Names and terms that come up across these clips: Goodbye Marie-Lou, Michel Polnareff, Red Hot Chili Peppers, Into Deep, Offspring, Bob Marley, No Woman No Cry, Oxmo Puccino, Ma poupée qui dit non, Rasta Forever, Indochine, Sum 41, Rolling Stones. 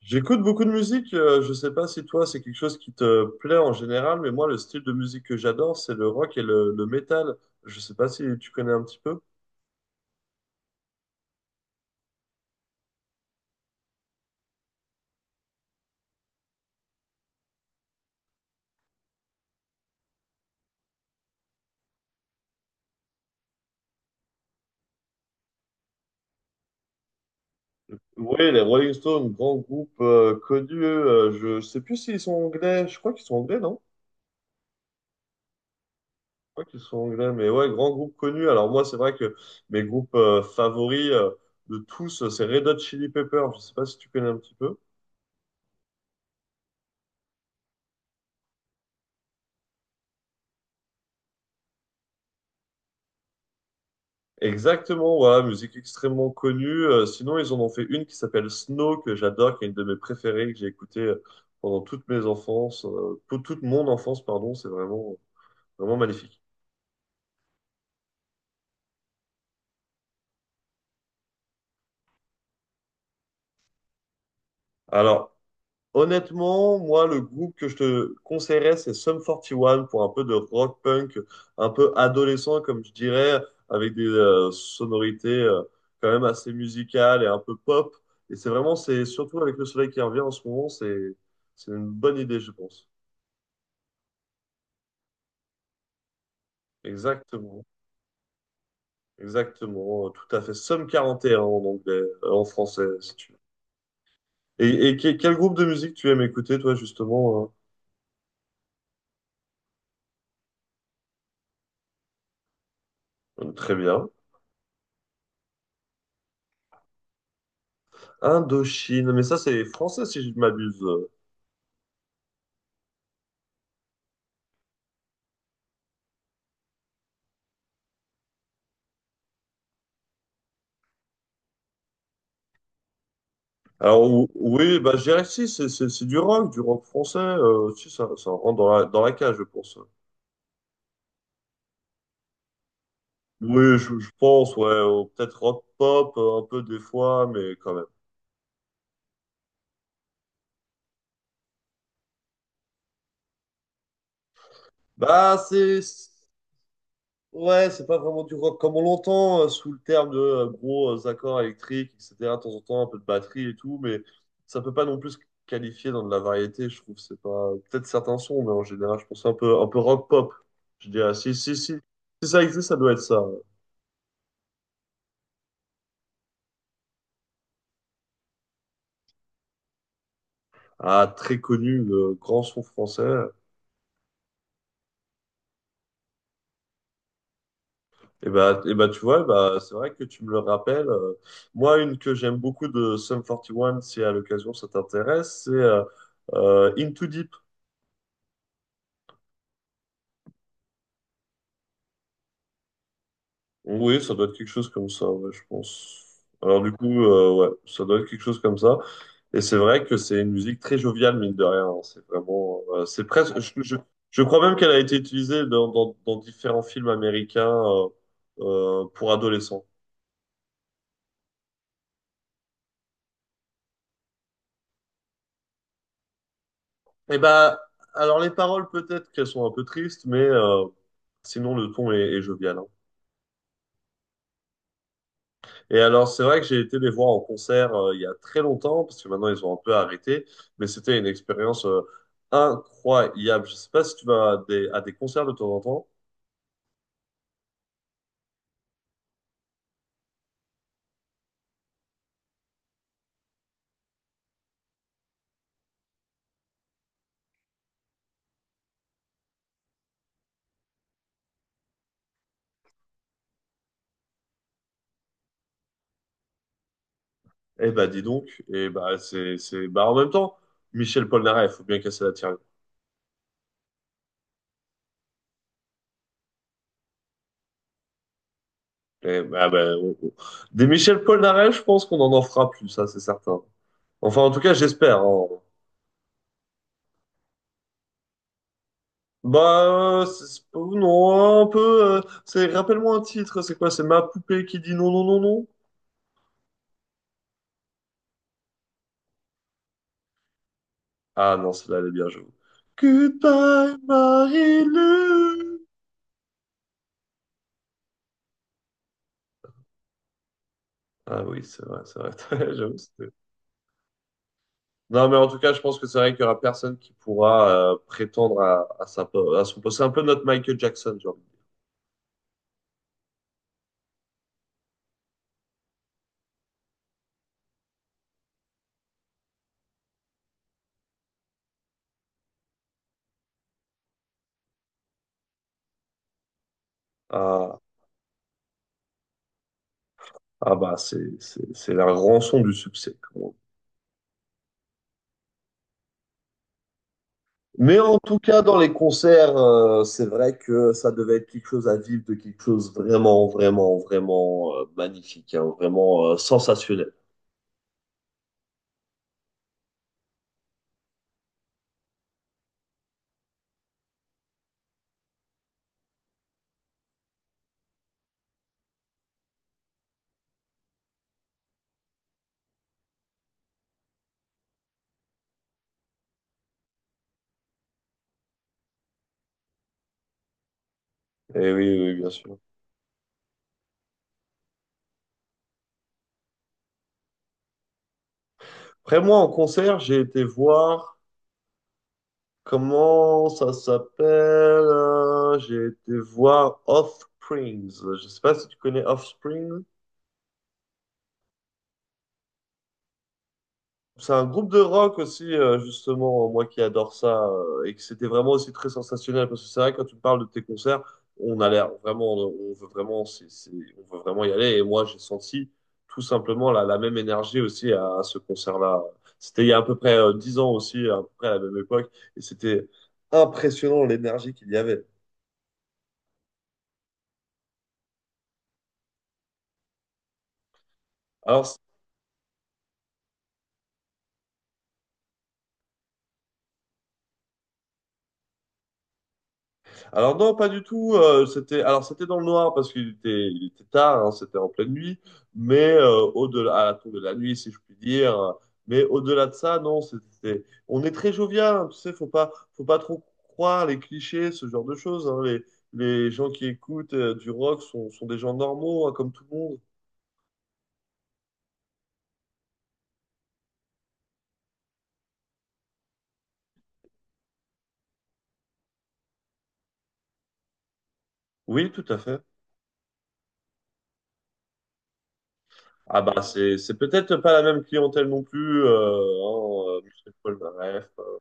J'écoute beaucoup de musique, je sais pas si toi c'est quelque chose qui te plaît en général, mais moi le style de musique que j'adore c'est le rock et le métal. Je sais pas si tu connais un petit peu. Oui, les Rolling Stones, grand groupe connu, je sais plus s'ils sont anglais, je crois qu'ils sont anglais, non? Je crois qu'ils sont anglais, mais ouais, grand groupe connu. Alors moi c'est vrai que mes groupes favoris de tous c'est Red Hot Chili Peppers, je sais pas si tu connais un petit peu. Exactement, voilà, musique extrêmement connue. Sinon, ils en ont fait une qui s'appelle Snow, que j'adore, qui est une de mes préférées, que j'ai écoutée pendant toute mes enfances, pour toute mon enfance, pardon, c'est vraiment, vraiment magnifique. Alors, honnêtement, moi, le groupe que je te conseillerais, c'est Sum One pour un peu de rock punk, un peu adolescent, comme je dirais, avec des sonorités quand même assez musicales et un peu pop. Et c'est vraiment, c'est surtout avec le soleil qui revient en ce moment, c'est une bonne idée, je pense. Exactement, exactement, tout à fait. Somme 41 en anglais, en français, si tu veux. Et quel groupe de musique tu aimes écouter, toi, justement? Très bien. Indochine, mais ça, c'est français, si je ne m'abuse. Alors, oui, bah, je dirais que si, c'est du rock français. Si, ça rentre dans la cage, je pense. Oui, je pense, ouais, ou peut-être rock pop, un peu des fois, mais quand même. Bah, c'est. Ouais, c'est pas vraiment du rock comme on l'entend, sous le terme de gros accords électriques, etc. De temps en temps, un peu de batterie et tout, mais ça peut pas non plus se qualifier dans de la variété, je trouve. C'est pas peut-être certains sons, mais en général, je pense un peu rock pop. Je dirais, si, si ça existe, ça doit être ça. Ah, très connu, le grand son français. Et bah, tu vois, bah, c'est vrai que tu me le rappelles. Moi, une que j'aime beaucoup de Sum 41, si à l'occasion ça t'intéresse, c'est Into Deep. Oui, ça doit être quelque chose comme ça, ouais, je pense. Alors du coup, ouais, ça doit être quelque chose comme ça. Et c'est vrai que c'est une musique très joviale, mine de rien. Hein. C'est vraiment, c'est presque. Je crois même qu'elle a été utilisée dans différents films américains pour adolescents. Et bah, alors les paroles peut-être qu'elles sont un peu tristes, mais sinon le ton est jovial. Hein. Et alors, c'est vrai que j'ai été les voir en concert il y a très longtemps, parce que maintenant ils ont un peu arrêté, mais c'était une expérience incroyable. Je sais pas si tu vas à des concerts de temps en temps. Eh ben, dis donc. Et bah, c'est, bah, en même temps, Michel Polnareff, il faut bien casser la tirelire. Eh ben. Des Michel Polnareff, je pense qu'on en fera plus, ça, c'est certain. Enfin, en tout cas, j'espère. Hein. Bah, non, un peu. Rappelle-moi un titre, c'est quoi? C'est Ma poupée qui dit non, non, non, non? Ah non, celle-là, elle est bien, j'avoue. Goodbye, Marie-Lou. Ah oui, c'est vrai, c'est vrai. J'avoue. Non, mais en tout cas, je pense que c'est vrai qu'il y aura personne qui pourra prétendre à son poste. C'est un peu notre Michael Jackson, genre. Ah, ah, c'est la rançon du succès, comme on dit. Mais en tout cas, dans les concerts, c'est vrai que ça devait être quelque chose à vivre, de quelque chose vraiment, vraiment, vraiment magnifique, hein, vraiment sensationnel. Et oui, oui, bien sûr. Après, moi, en concert, j'ai été voir, comment ça s'appelle? J'ai été voir Offsprings. Je sais pas si tu connais Offspring. C'est un groupe de rock aussi, justement, moi qui adore ça, et que c'était vraiment aussi très sensationnel, parce que c'est vrai, quand tu me parles de tes concerts, on a l'air vraiment, on veut vraiment, on veut vraiment y aller, et moi j'ai senti tout simplement la même énergie aussi à ce concert-là. C'était il y a à peu près 10 ans aussi, à peu près à la même époque, et c'était impressionnant l'énergie qu'il y avait. Alors Alors non, pas du tout. C'était dans le noir parce qu'il était tard, hein, c'était en pleine nuit. Mais au-delà à la tombée de la nuit, si je puis dire. Mais au-delà de ça, non, c'était on est très jovial. Hein, tu sais, faut pas trop croire les clichés, ce genre de choses. Hein. Les gens qui écoutent du rock sont des gens normaux, hein, comme tout le monde. Oui, tout à fait. Ah bah c'est peut-être pas la même clientèle non plus. Hein, Michel Polnareff.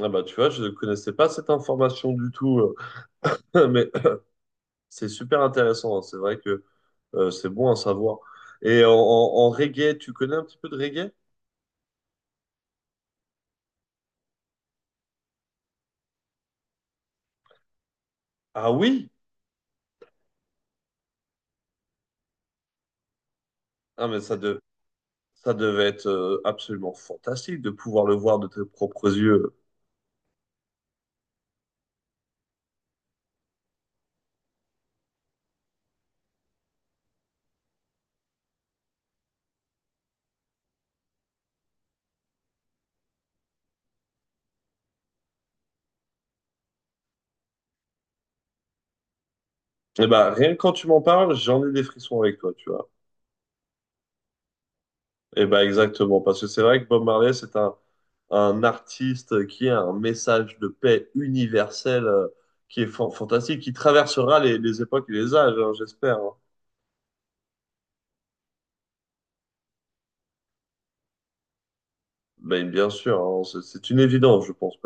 Ah bah tu vois, je ne connaissais pas cette information du tout. Mais c'est super intéressant, hein. C'est vrai que c'est bon à savoir. Et en reggae, tu connais un petit peu de reggae? Ah oui? Ah mais ça, ça devait être absolument fantastique de pouvoir le voir de tes propres yeux. Et bah rien que quand tu m'en parles, j'en ai des frissons avec toi, tu vois. Et bah exactement, parce que c'est vrai que Bob Marley, c'est un artiste qui a un message de paix universel qui est fantastique, qui traversera les époques et les âges, hein, j'espère. Hein. Ben, bien sûr, hein, c'est une évidence, je pense.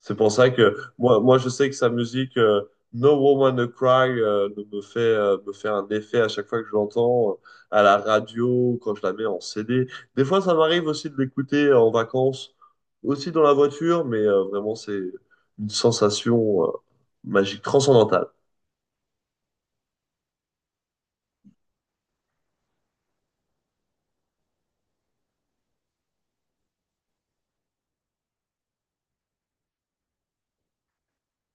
C'est pour ça que moi, je sais que sa musique No Woman No Cry me fait un effet à chaque fois que je l'entends à la radio, quand je la mets en CD. Des fois, ça m'arrive aussi de l'écouter en vacances, aussi dans la voiture, mais vraiment, c'est une sensation magique, transcendantale.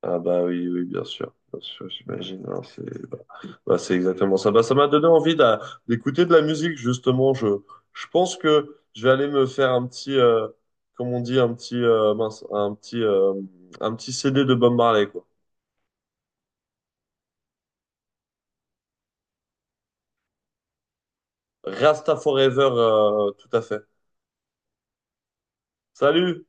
Ah bah oui, oui, bien sûr, j'imagine. Hein, bah, c'est exactement ça. Bah, ça m'a donné envie d'écouter de la musique, justement. Je pense que je vais aller me faire un petit, comment on dit, mince, un petit CD de Bob Marley, quoi. Rasta Forever, tout à fait. Salut!